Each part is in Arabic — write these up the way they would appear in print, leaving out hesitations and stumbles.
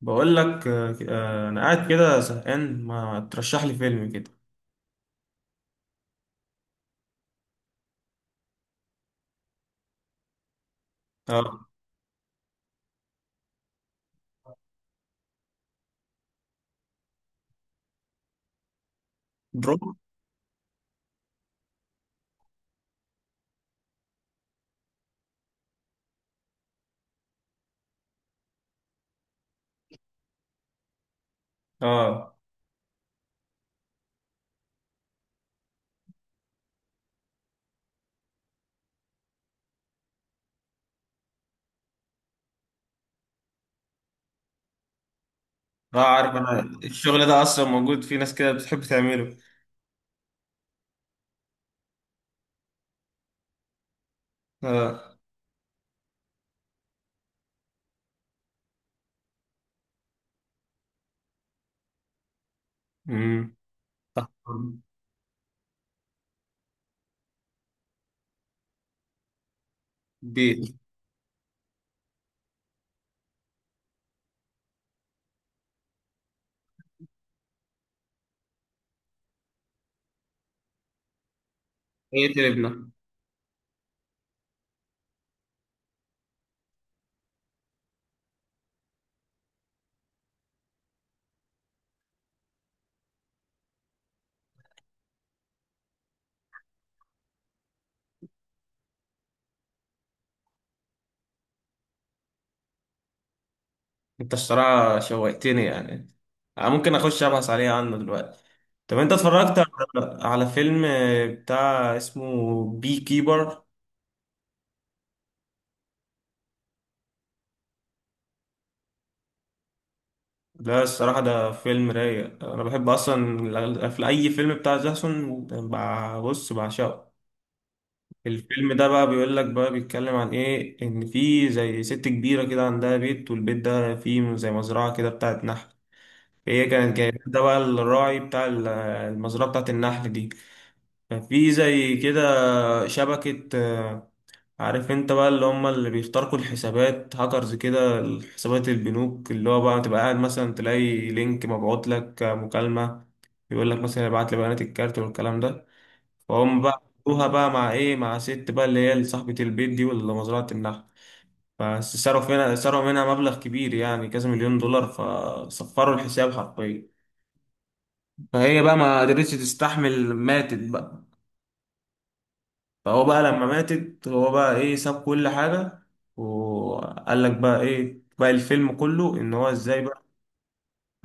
بقول لك، انا قاعد كده زهقان، ما ترشح لي فيلم كده. اه. دراما. اه اه. عارف، انا الشغل ده اصلا موجود، في ناس كده بتحب تعمله. اه. امم. بيت. ايه تلبنا. انت الصراحه شوقتني يعني. ممكن اخش ابحث عنه دلوقتي. طب انت اتفرجت على فيلم بتاع اسمه بي كيبر؟ لا، الصراحة ده فيلم رايق. أنا بحب أصلا في أي فيلم بتاع جاسون، بص بعشقه. الفيلم ده بقى بيقول لك، بقى بيتكلم عن ايه، ان في زي ست كبيره كده عندها بيت، والبيت ده فيه زي مزرعه كده بتاعت نحل. هي كانت جايبه ده بقى الراعي بتاع المزرعه بتاعت النحل دي. ففي زي كده شبكه، عارف انت بقى، اللي هم اللي بيخترقوا الحسابات، هاكرز كده. حسابات البنوك، اللي هو بقى تبقى قاعد مثلا تلاقي لينك مبعوت لك، مكالمه. يقول لك مثلا: ابعت لي بيانات الكارت والكلام ده. فهم بقى عملوها بقى مع ايه، مع ست بقى اللي هي صاحبة البيت دي واللي مزرعة النحل. بس صرفوا منها مبلغ كبير يعني كذا مليون دولار، فصفروا الحساب حرفيا. فهي بقى ما قدرتش تستحمل، ماتت بقى. فهو بقى لما ماتت، هو بقى ايه، ساب كل حاجة. وقال لك بقى ايه، بقى الفيلم كله ان هو ازاي بقى.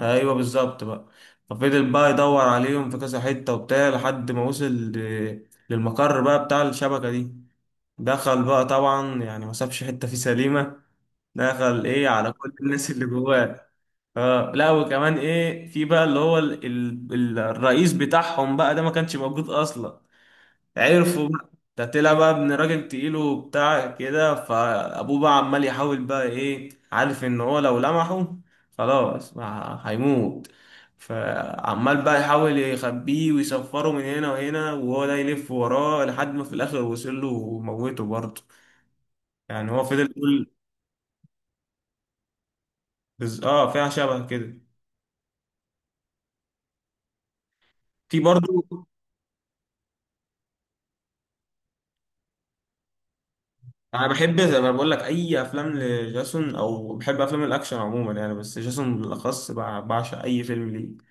ايوه، بالظبط بقى. ففضل بقى يدور عليهم في كذا حتة وبتاع، لحد ما وصل للمقر بقى بتاع الشبكة دي. دخل بقى طبعا يعني، ما سابش حته فيه سليمه. دخل ايه على كل الناس اللي جواه. اه لا، وكمان ايه، في بقى اللي هو ال الرئيس بتاعهم بقى ده ما كانش موجود اصلا. عرفوا بقى ده طلع بقى ابن راجل تقيل وبتاع كده، فابوه بقى عمال يحاول بقى ايه، عارف ان هو لو لمحه خلاص ما هيموت. فعمال بقى يحاول يخبيه ويسفره من هنا وهنا، وهو ده يلف وراه لحد ما في الاخر وصل له وموته برضه. يعني هو فضل يقول. اه، فيها شبه كده. في برضو. انا بحب زي ما بقول لك اي افلام لجاسون، او بحب افلام الاكشن عموما يعني، بس جاسون بالاخص بعشق اي فيلم ليه.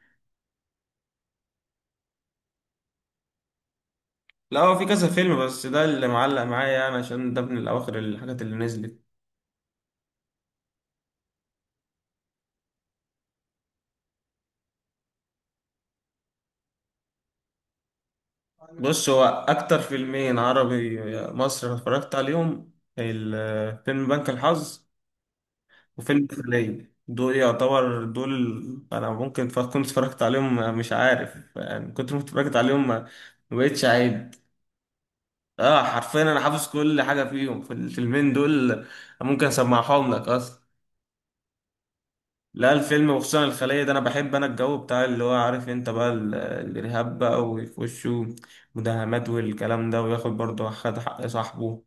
لا، هو في كذا فيلم، بس ده اللي معلق معايا يعني، عشان ده من الاواخر الحاجات اللي نزلت. بص، هو اكتر فيلمين عربي مصر اتفرجت عليهم: الفيلم بنك الحظ، وفيلم الخلية. دول يعتبر دول أنا ممكن كنت اتفرجت عليهم، مش عارف يعني، كنت اتفرجت عليهم ما بقتش عيب. اه، حرفيا أنا حافظ كل حاجة فيهم، في الفيلمين دول. ممكن أسمعهم لك أصلا. لا، الفيلم وخصوصا الخلية ده، أنا بحب أنا الجو بتاع اللي هو، عارف أنت بقى الإرهاب بقى، ويخشوا مداهمات والكلام ده، وياخد برضه خد حق صاحبه.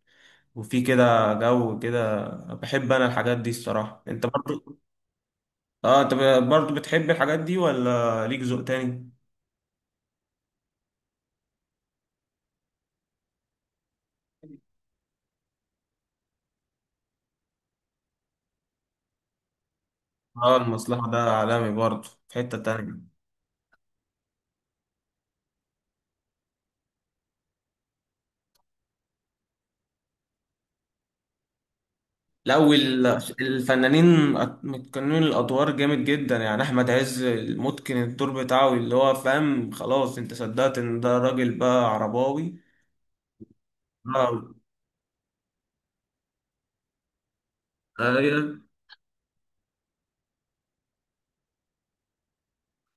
وفي كده جو كده. بحب أنا الحاجات دي الصراحة، أنت برضه؟ اه، انت برضه بتحب الحاجات دي ولا ليك ذوق تاني؟ اه، المصلحة ده عالمي برضه، في حتة تانية. لا، الفنانين متقنين الادوار جامد جدا يعني. احمد عز متقن الدور بتاعه، اللي هو فاهم، خلاص انت صدقت ان ده راجل بقى عرباوي. اه. أيوة.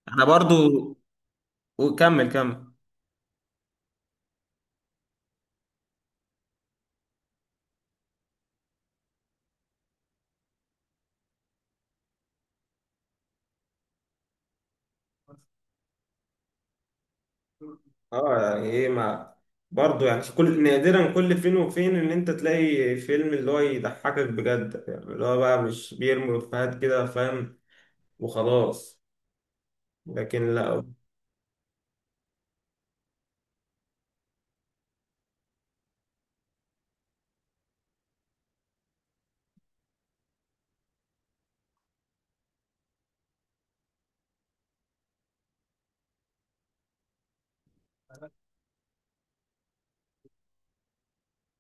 انا برضه. وكمل كمل. اه يعني ايه ما، برضه يعني كل نادرا، كل فين وفين ان انت تلاقي فيلم اللي هو يضحكك بجد يعني، اللي هو بقى مش بيرمي افيهات كده فاهم، وخلاص. لكن لا.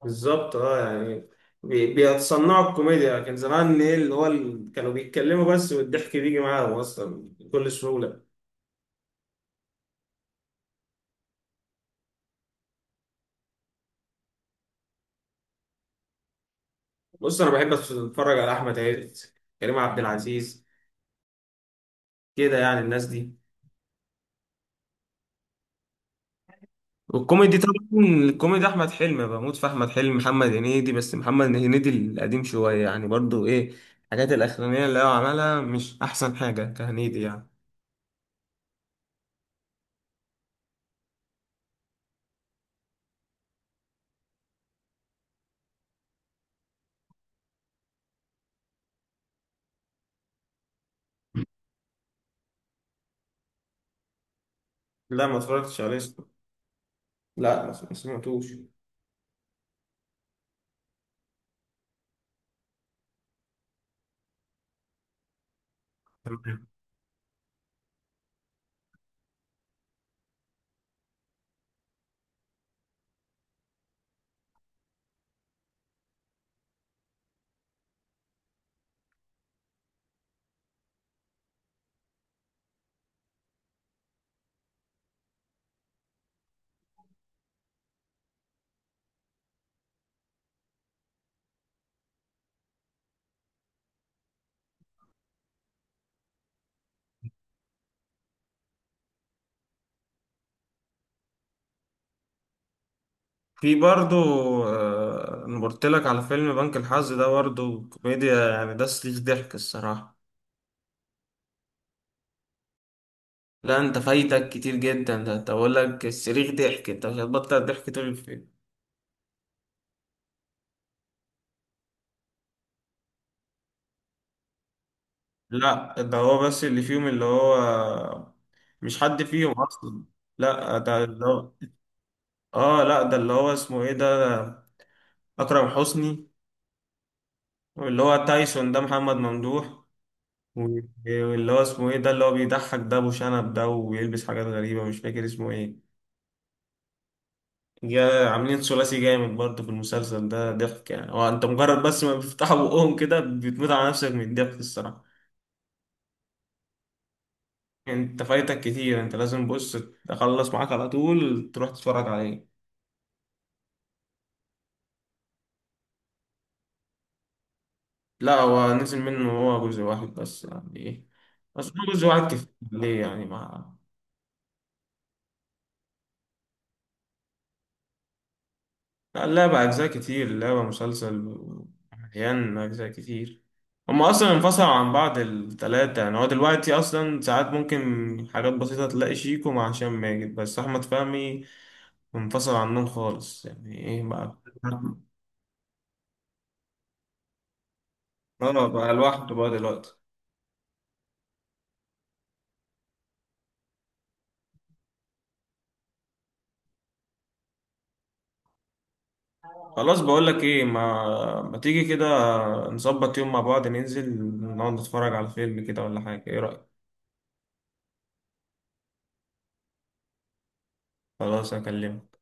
بالظبط، اه يعني، بيتصنعوا الكوميديا، لكن زمان ايه اللي هو كانوا بيتكلموا بس والضحك بيجي معاهم اصلا بكل سهولة. بص، انا بحب اتفرج على احمد عز، كريم عبد العزيز، كده يعني الناس دي. والكوميدي طبعا، الكوميدي احمد حلمي، بموت في احمد حلمي، محمد هنيدي، بس محمد هنيدي القديم شويه يعني، برضو ايه الحاجات الاخرانيه اللي هو عملها، مش احسن حاجه كهنيدي يعني. لا، ما اتفرجتش عليه. لا، ما سمعتوش. تمام. في برضو، انا قلت لك على فيلم بنك الحظ ده، برضو كوميديا يعني، ده صريخ ضحك الصراحه. لا، انت فايتك كتير جدا، ده انت بقول لك صريخ ضحك، انت مش هتبطل ضحك طول الفيلم. لا، ده هو بس اللي فيهم، اللي هو مش حد فيهم اصلا. لا، ده اللي هو. اه لا، ده اللي هو اسمه ايه ده، اكرم حسني. واللي هو تايسون ده محمد ممدوح. و- واللي هو اسمه ايه ده، اللي هو بيضحك ده ابو شنب ده وبيلبس حاجات غريبة، مش فاكر اسمه ايه. جا عاملين ثلاثي جامد برضه، في المسلسل ده ضحك يعني، هو انت مجرد بس ما بيفتحوا بقهم كده بتموت على نفسك من الضحك الصراحة. انت فايتك كتير، انت لازم، بص، تخلص معاك على طول تروح تتفرج عليه. لا، هو نزل منه هو جزء واحد بس، يعني ايه. بس هو جزء واحد، كتير ليه يعني ما. لا، اللعبة أجزاء كتير، اللعبة مسلسل مليان أجزاء كتير. هما أصلا انفصلوا عن بعض التلاتة يعني، هو دلوقتي أصلا ساعات ممكن حاجات بسيطة تلاقي شيكو مع هشام ماجد بس، أحمد فهمي انفصل عنهم خالص يعني ايه بقى. اه، بقى لوحده بقى دلوقتي. خلاص، بقولك ايه، ما تيجي كده، نظبط يوم مع بعض، ننزل نقعد نتفرج على فيلم كده ولا حاجة، ايه رأيك؟ خلاص، اكلمك.